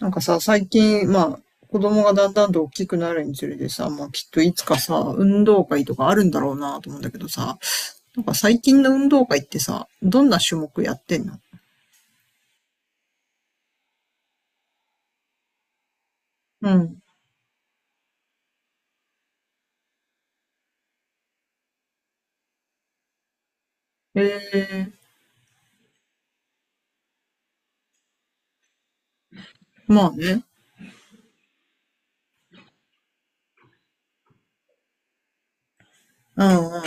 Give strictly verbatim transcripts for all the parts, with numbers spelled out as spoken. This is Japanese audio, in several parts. なんかさ、最近、まあ、子供がだんだんと大きくなるにつれてさ、まあきっといつかさ、運動会とかあるんだろうなと思うんだけどさ、なんか最近の運動会ってさ、どんな種目やってんの？うん。ええ、まあね。うんうん。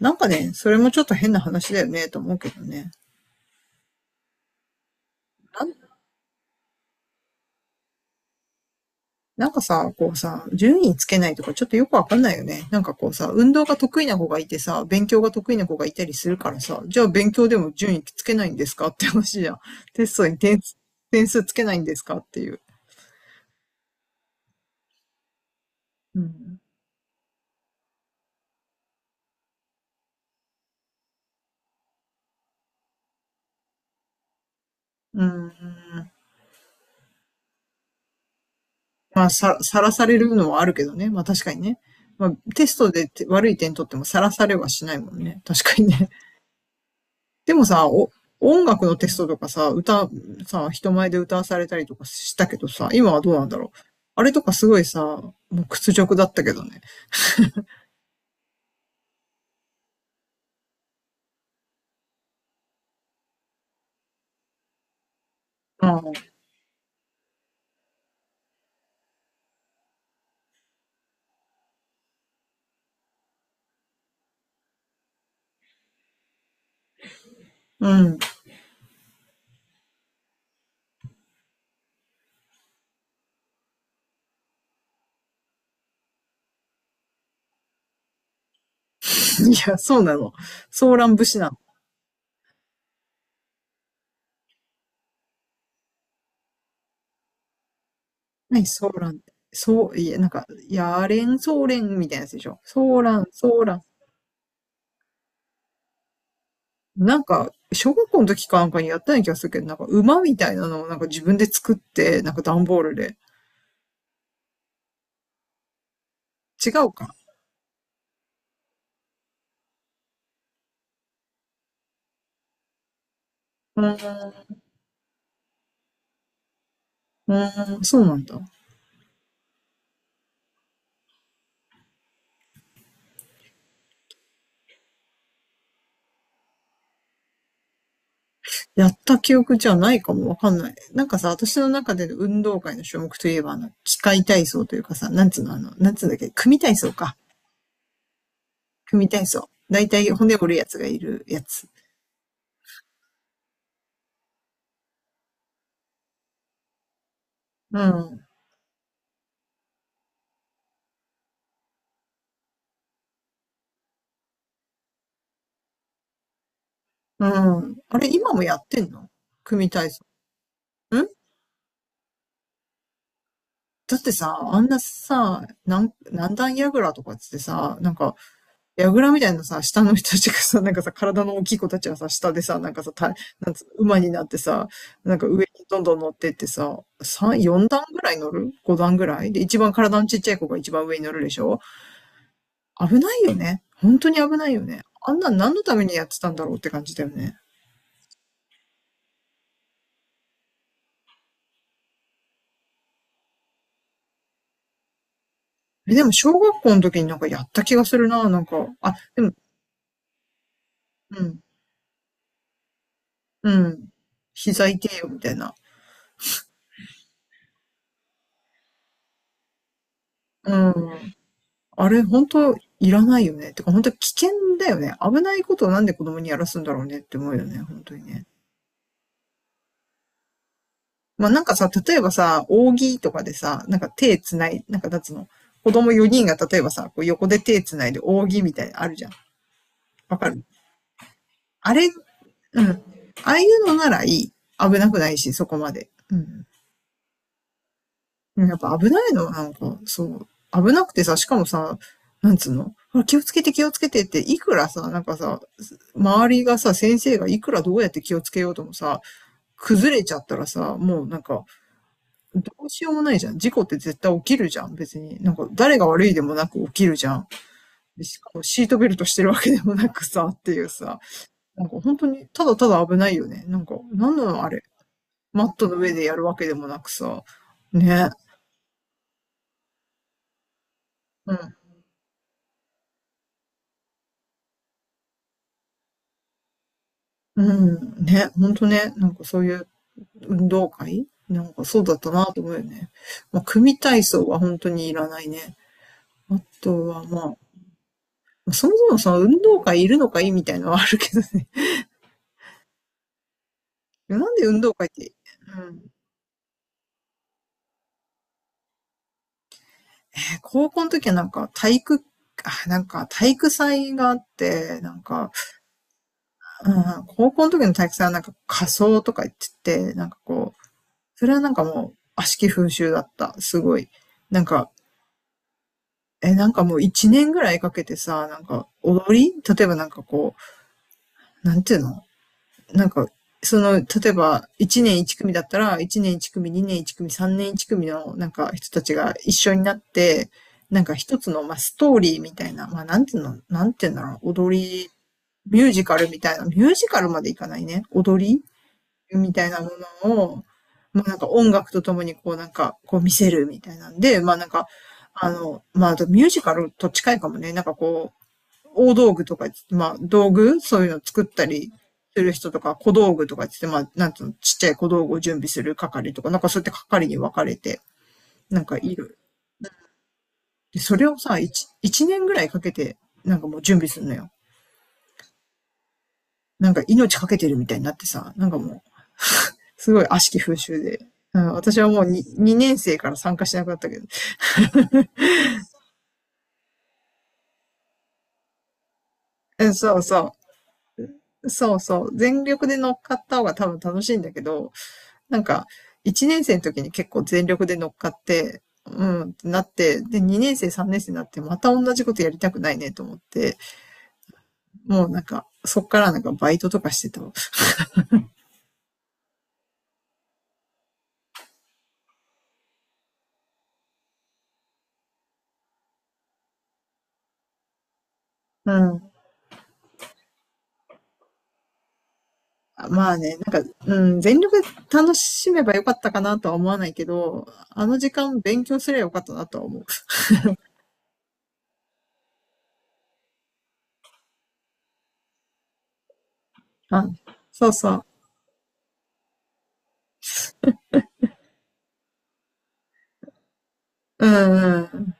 なんかね、それもちょっと変な話だよね、と思うけどね。なんかさ、こうさ、順位つけないとかちょっとよくわかんないよね。なんかこうさ、運動が得意な子がいてさ、勉強が得意な子がいたりするからさ、じゃあ勉強でも順位つけないんですかって話じゃん。テストに点数、点数つけないんですかっていう。うん。うーん。まあ、さ、さらされるのはあるけどね。まあ確かにね。まあ、テストでて悪い点取ってもさらされはしないもんね。確かにね。でもさ、お、音楽のテストとかさ、歌、さ、人前で歌わされたりとかしたけどさ、今はどうなんだろう。あれとかすごいさ、もう屈辱だったけどね。うん。うん。いや、そうなの？ソーラン節なの？何ソーランって。そう、いや、なんか、やれん、ソーレンみたいなやつでしょ。ソーラン、ソーラン。なんか、小学校の時かなんかにやったような気がするけど、なんか馬みたいなのをなんか自分で作って、なんか段ボールで。違うか。うーん、うーん、そうなんだ。やった記憶じゃないかもわかんない。なんかさ、私の中での運動会の種目といえば、あの、機械体操というかさ、なんつうの、あの、なんつうんだっけ、組体操か。組体操。だいたい骨折るやつがいるやつ。うん。うん。あれ、今もやってんの？組体操。ん、だってさ、あんなさ、なん、何段やぐらとかっつってさ、なんか、やぐみたいなさ、下の人たちがさ、なんかさ、体の大きい子たちはさ、下でさ、なんかさ、た、なんつ、馬になってさ、なんか上にどんどん乗ってってさ、さん、よん段ぐらい乗る？ ご 段ぐらいで、一番体のちっちゃい子が一番上に乗るでしょ？危ないよね。本当に危ないよね。あんなん何のためにやってたんだろうって感じだよね。え、でも小学校の時になんかやった気がするな、なんか。あ、でも、うん、うん。膝痛えよ、みたいな。うん。あれ、本当いらないよね。てか、本当危険だよね。危ないことをなんで子供にやらすんだろうねって思うよね、本当にね。まあなんかさ、例えばさ、扇とかでさ、なんか手つない、なんかなんつうの、子供よにんが例えばさ、こう横で手つないで扇みたいなのあるじゃん。わかる？あれ、うん。ああいうのならいい。危なくないし、そこまで。うん。うん、やっぱ危ないの、なんか、そう。危なくてさ、しかもさ、なんつうのほら気をつけて気をつけてって、いくらさ、なんかさ、周りがさ、先生がいくらどうやって気をつけようともさ、崩れちゃったらさ、もうなんか、どうしようもないじゃん。事故って絶対起きるじゃん、別に。なんか、誰が悪いでもなく起きるじゃん。しかもシートベルトしてるわけでもなくさ、っていうさ、なんか本当に、ただただ危ないよね。なんか、なんなのあれ。マットの上でやるわけでもなくさ、ね。うん。うん、ね、ほんとね、なんかそういう運動会なんかそうだったなと思うよね。まあ、組体操は本当にいらないね。あとはまあ、そもそもその運動会いるのかいみたいなのはあるけどね。なんで運動会って、うん。えー高校の時はなんか体育、あ、なんか体育祭があって、なんか、うん、高校の時の体育祭はなんか仮装とか言ってて、なんかこう、それはなんかもう悪しき風習だった。すごい。なんか、え、なんかもう一年ぐらいかけてさ、なんか踊り例えばなんかこう、なんていうの、なんか、その、例えば一年一組だったら、一年一組、二年一組、三年一組のなんか人たちが一緒になって、なんか一つの、まあ、ストーリーみたいな、まあ、なんていうの、なんていうんだろう、踊り、ミュージカルみたいな、ミュージカルまでいかないね。踊りみたいなものを、まあなんか音楽とともにこうなんか、こう見せるみたいなんで、まあなんか、あの、まああとミュージカルと近いかもね、なんかこう、大道具とか、まあ道具、そういうの作ったりする人とか、小道具とかって言って、まあなんつうの、ちっちゃい小道具を準備する係とか、なんかそうやって係に分かれて、なんかいる。で、それをさ、一、一年ぐらいかけて、なんかもう準備するのよ。なんか命かけてるみたいになってさ、なんかもう、すごい悪しき風習で。うん、私はもう に, にねん生から参加しなくなったけど。え、そうそう。そうそう。全力で乗っかった方が多分楽しいんだけど、なんか、いちねん生の時に結構全力で乗っかって、うん、ってなって、で、にねん生、さんねん生になって、また同じことやりたくないねと思って、もうなんか、そっからなんかバイトとかしてたわ。うん。まあね、なんか、うん、全力で楽しめばよかったかなとは思わないけど、あの時間勉強すればよかったなとは思う。あ、そうそう。うんうん。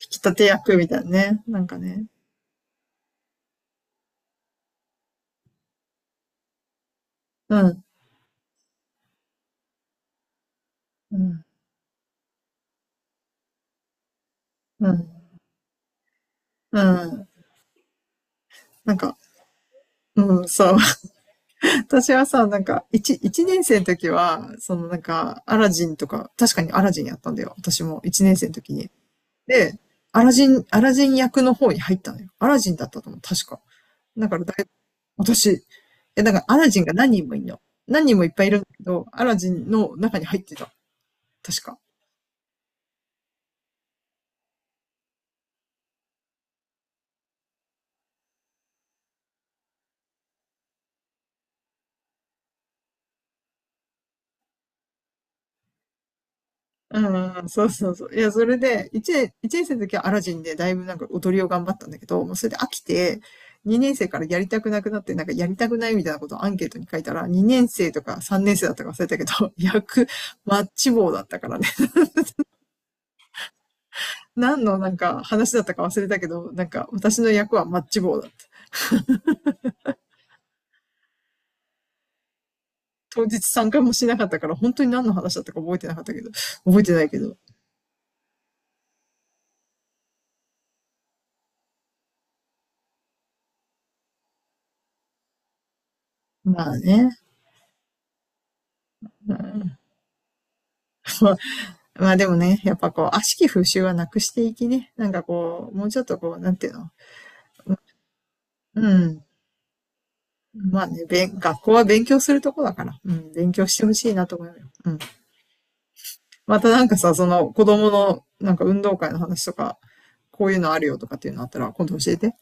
引き立て役みたいなね。なんかね。うん。うん。うん。うん。なんか、うん、そう。私はさ、なんか、一、一年生の時は、そのなんか、アラジンとか、確かにアラジンやったんだよ。私も一年生の時に。で、アラジン、アラジン役の方に入ったのよ。アラジンだったと思う、確か。だからだい、私、え、だからアラジンが何人もいるの。何人もいっぱいいるんだけど、アラジンの中に入ってた。確か。うんうん、そうそうそう。いや、それで、いちねん、一年生の時はアラジンでだいぶなんか踊りを頑張ったんだけど、もうそれで飽きて、にねん生からやりたくなくなって、なんかやりたくないみたいなことをアンケートに書いたら、にねん生とかさんねん生だったか忘れたけど、役、マッチ棒だったからね。何のなんか話だったか忘れたけど、なんか私の役はマッチ棒だった。当日参加もしなかったから、本当に何の話だったか覚えてなかったけど、覚えてないけど。まあね。うん、ま、まあでもね、やっぱこう、悪しき風習はなくしていきね。なんかこう、もうちょっとこう、なんていうの。うん。まあね、べん、学校は勉強するとこだから、うん、勉強してほしいなと思うよ。うん。またなんかさ、その子供のなんか運動会の話とか、こういうのあるよとかっていうのあったら、今度教えて。